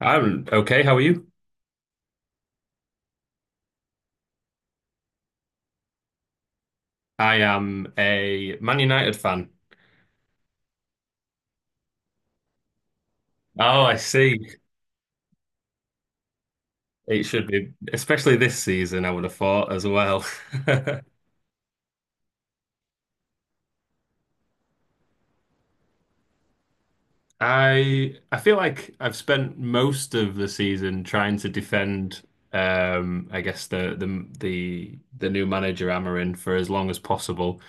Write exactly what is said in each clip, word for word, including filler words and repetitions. I'm okay. How are you? I am a Man United fan. Oh, I see. It should be, especially this season, I would have thought as well. I I feel like I've spent most of the season trying to defend um I guess the the the the new manager Amorim for as long as possible.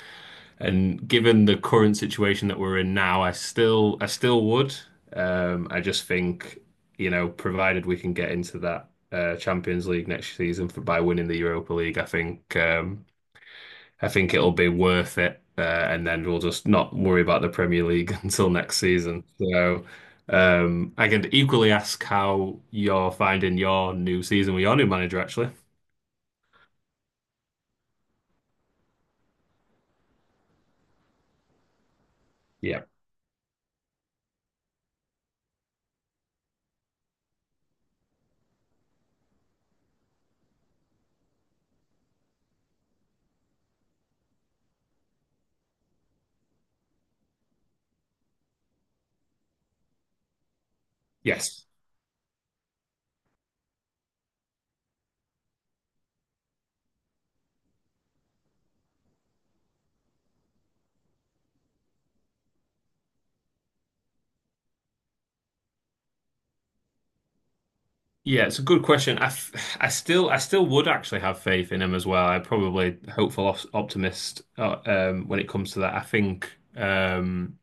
And given the current situation that we're in now, I still I still would. Um, I just think, you know, provided we can get into that uh, Champions League next season for, by winning the Europa League, I think um, I think it'll be worth it. Uh, and then we'll just not worry about the Premier League until next season. So um, I can equally ask how you're finding your new season with your new manager, actually. Yeah. Yes. Yeah, it's a good question. I, f- I still I still would actually have faith in him as well. I'm probably hopeful op- optimist uh, um, when it comes to that. I think um,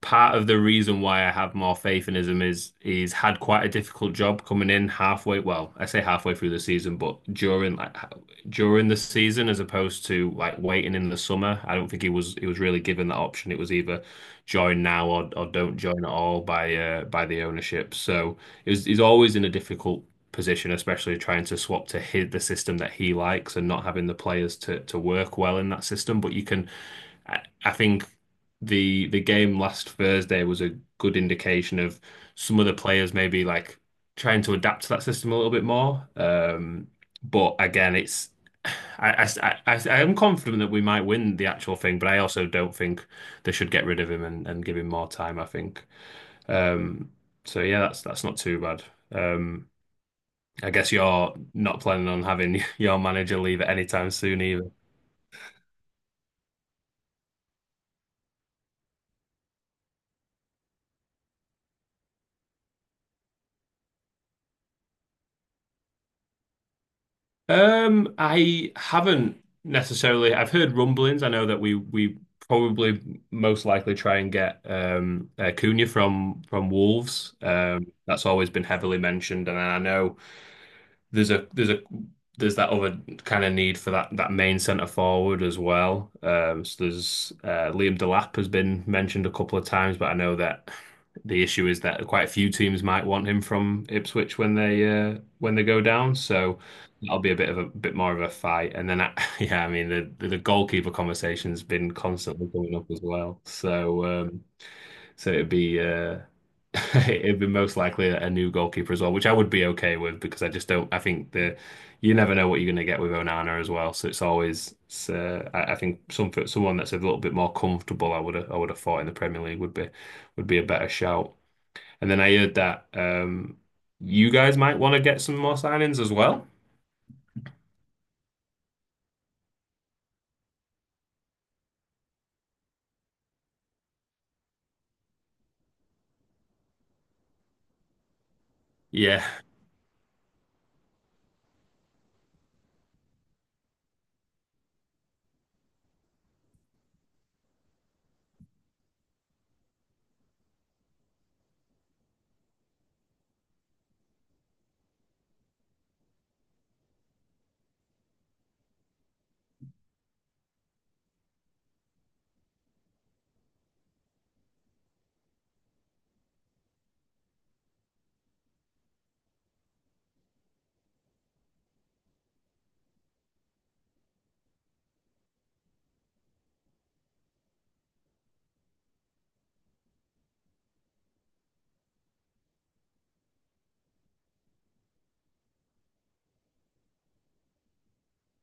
part of the reason why I have more faith in him is he's had quite a difficult job coming in halfway. Well, I say halfway through the season, but during like during the season, as opposed to like waiting in the summer. I don't think he was he was really given that option. It was either join now or or don't join at all by uh, by the ownership. So it was, he's always in a difficult position, especially trying to swap to hit the system that he likes and not having the players to to work well in that system. But you can. I I think the the game last Thursday was a good indication of some of the players maybe like trying to adapt to that system a little bit more. Um, but again, it's I, I, I, I am confident that we might win the actual thing, but I also don't think they should get rid of him and, and give him more time, I think. Um, so yeah, that's that's not too bad. Um, I guess you're not planning on having your manager leave at any time soon either. Um, I haven't necessarily. I've heard rumblings. I know that we we probably most likely try and get um uh, Cunha from from Wolves. Um, that's always been heavily mentioned, and I know there's a there's a there's that other kind of need for that that main centre forward as well. Um, so there's uh, Liam Delap has been mentioned a couple of times, but I know that the issue is that quite a few teams might want him from Ipswich when they uh, when they go down. So that'll be a bit of a bit more of a fight. And then I, yeah, I mean the the goalkeeper conversation's been constantly coming up as well. So um, so it'd be uh, it'd be most likely a new goalkeeper as well, which I would be okay with because I just don't. I think that you never know what you're going to get with Onana as well. So it's always. It's, uh, I, I think some someone that's a little bit more comfortable, I would have, I would have thought in the Premier League would be would be a better shout. And then I heard that um, you guys might want to get some more signings as well. Yeah,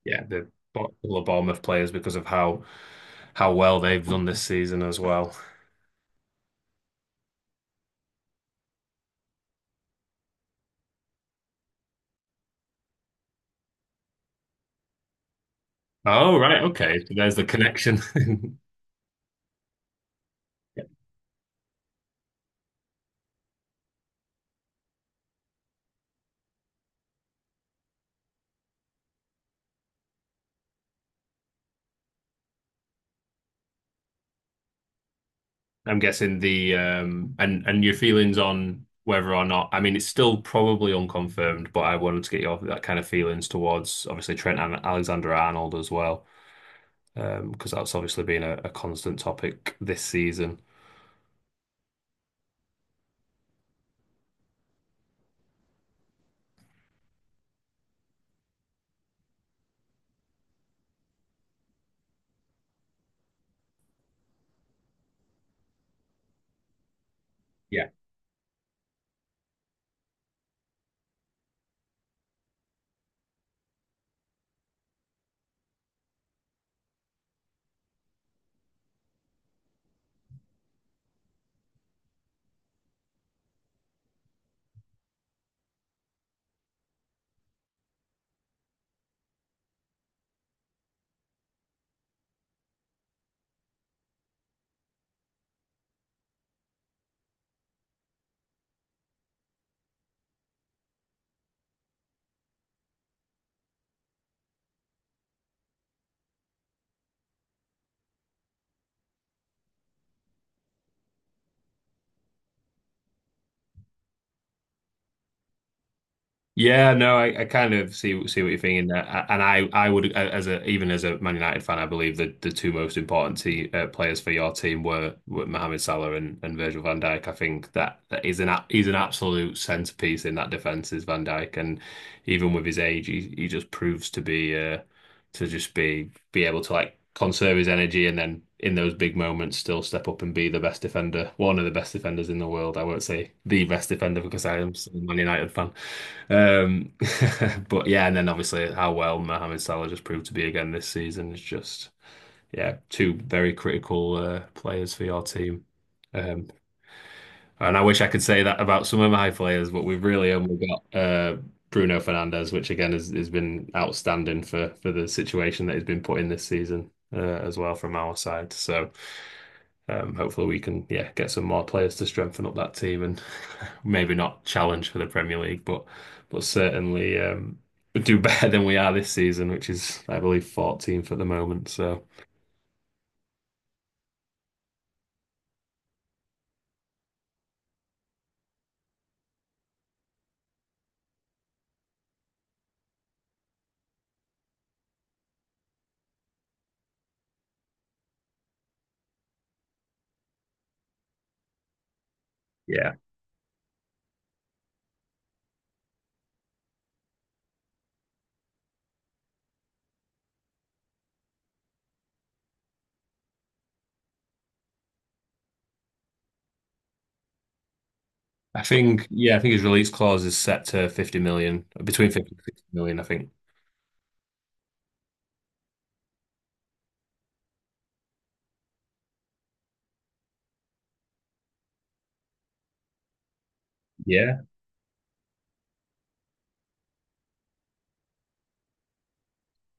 yeah, the Bo- couple of Bournemouth players because of how how well they've done this season as well. Oh, right, okay. So there's the connection. I'm guessing the um and and your feelings on whether or not, I mean, it's still probably unconfirmed, but I wanted to get your that kind of feelings towards obviously Trent and Alexander Arnold as well, um because that's obviously been a, a constant topic this season. Yeah. Yeah, no, I, I kind of see see what you're thinking there, A- and I I would a- as a even as a Man United fan, I believe that the two most important te uh, players for your team were were Mohamed Salah and, and Virgil van Dijk. I think that that is an a- he's an absolute centerpiece in that defense is Van Dijk, and even with his age, he he just proves to be uh, to just be be able to like conserve his energy and then in those big moments still step up and be the best defender, one of the best defenders in the world. I won't say the best defender because I am still a Man United fan. Um, but yeah, and then obviously how well Mohamed Salah just proved to be again this season is just yeah, two very critical uh, players for your team. Um, and I wish I could say that about some of my players, but we've really only got uh, Bruno Fernandes, which again has, has been outstanding for for the situation that he's been put in this season uh, as well from our side. So um, hopefully we can yeah get some more players to strengthen up that team and maybe not challenge for the Premier League, but but certainly um, do better than we are this season, which is I believe fourteenth at the moment. So yeah, I think yeah I think his release clause is set to 50 million, between fifty and sixty million, I think. Yeah,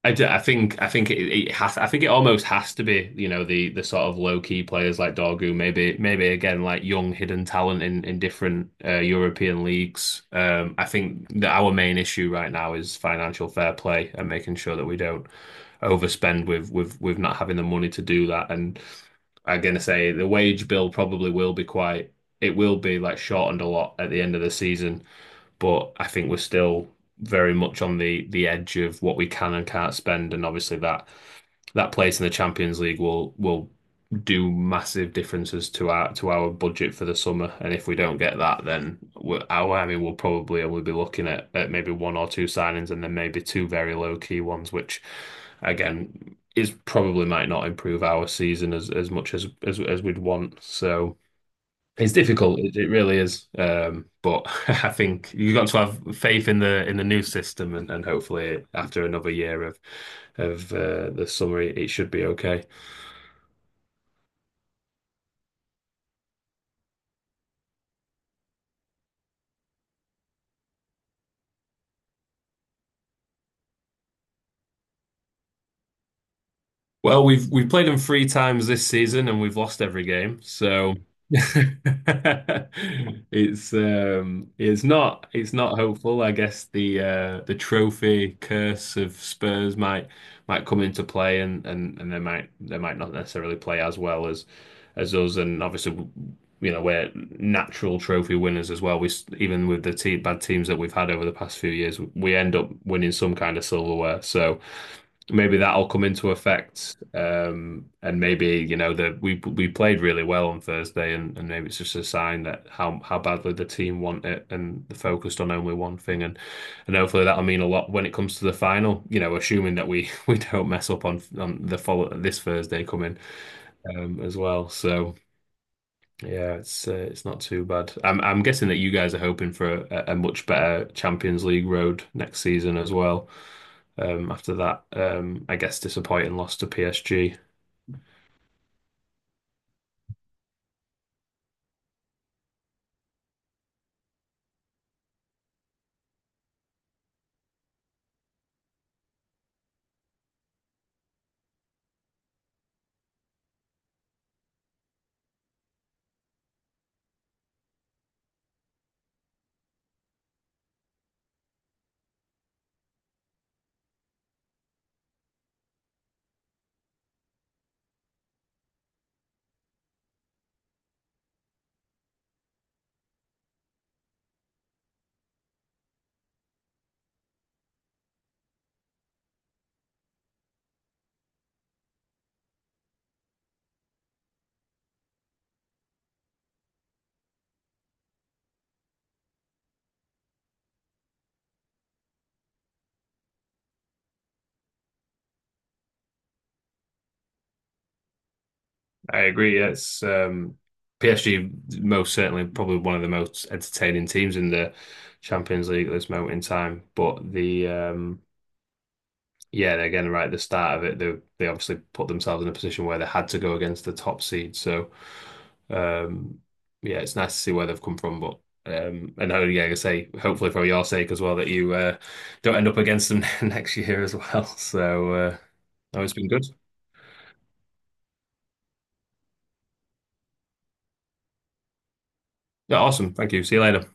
I, d- I think I think it, it has I think it almost has to be, you know the the sort of low key players like Dorgu, maybe maybe again like young hidden talent in in different uh, European leagues. um I think that our main issue right now is financial fair play and making sure that we don't overspend with with with not having the money to do that. And I'm gonna say the wage bill probably will be quite it will be like shortened a lot at the end of the season, but I think we're still very much on the the edge of what we can and can't spend, and obviously that that place in the Champions League will will do massive differences to our to our budget for the summer. And if we don't get that, then we're, our- I mean, we'll probably only be looking at, at maybe one or two signings, and then maybe two very low key ones, which again is probably might not improve our season as as much as as as we'd want. So. It's difficult. It, it really is. Um, but I think you've got to have faith in the in the new system, and, and hopefully after another year of of uh, the summer, it, it should be okay. Well, we've we've played them three times this season and we've lost every game. So it's um it's not it's not hopeful. I guess the uh the trophy curse of Spurs might might come into play and and and they might they might not necessarily play as well as as us, and obviously you know we're natural trophy winners as well. We s- even with the te bad teams that we've had over the past few years, we end up winning some kind of silverware. So maybe that'll come into effect. Um, and maybe, you know, that we we played really well on Thursday, and, and maybe it's just a sign that how how badly the team want it and they're focused on only one thing, and and hopefully that'll mean a lot when it comes to the final, you know, assuming that we we don't mess up on on the follow this Thursday coming um as well. So yeah, it's uh, it's not too bad. I'm I'm guessing that you guys are hoping for a, a much better Champions League road next season as well, um, after that, um, I guess disappointing loss to P S G. I agree. Yeah, It's um, P S G most certainly probably one of the most entertaining teams in the Champions League at this moment in time. But the um, yeah, and again, right at the start of it, they they obviously put themselves in a position where they had to go against the top seed. So, um, yeah, it's nice to see where they've come from. But um, and I, yeah, like I say, hopefully for your sake as well that you uh, don't end up against them next year as well. So, uh, no, it's been good. Yeah, awesome. Thank you. See you later.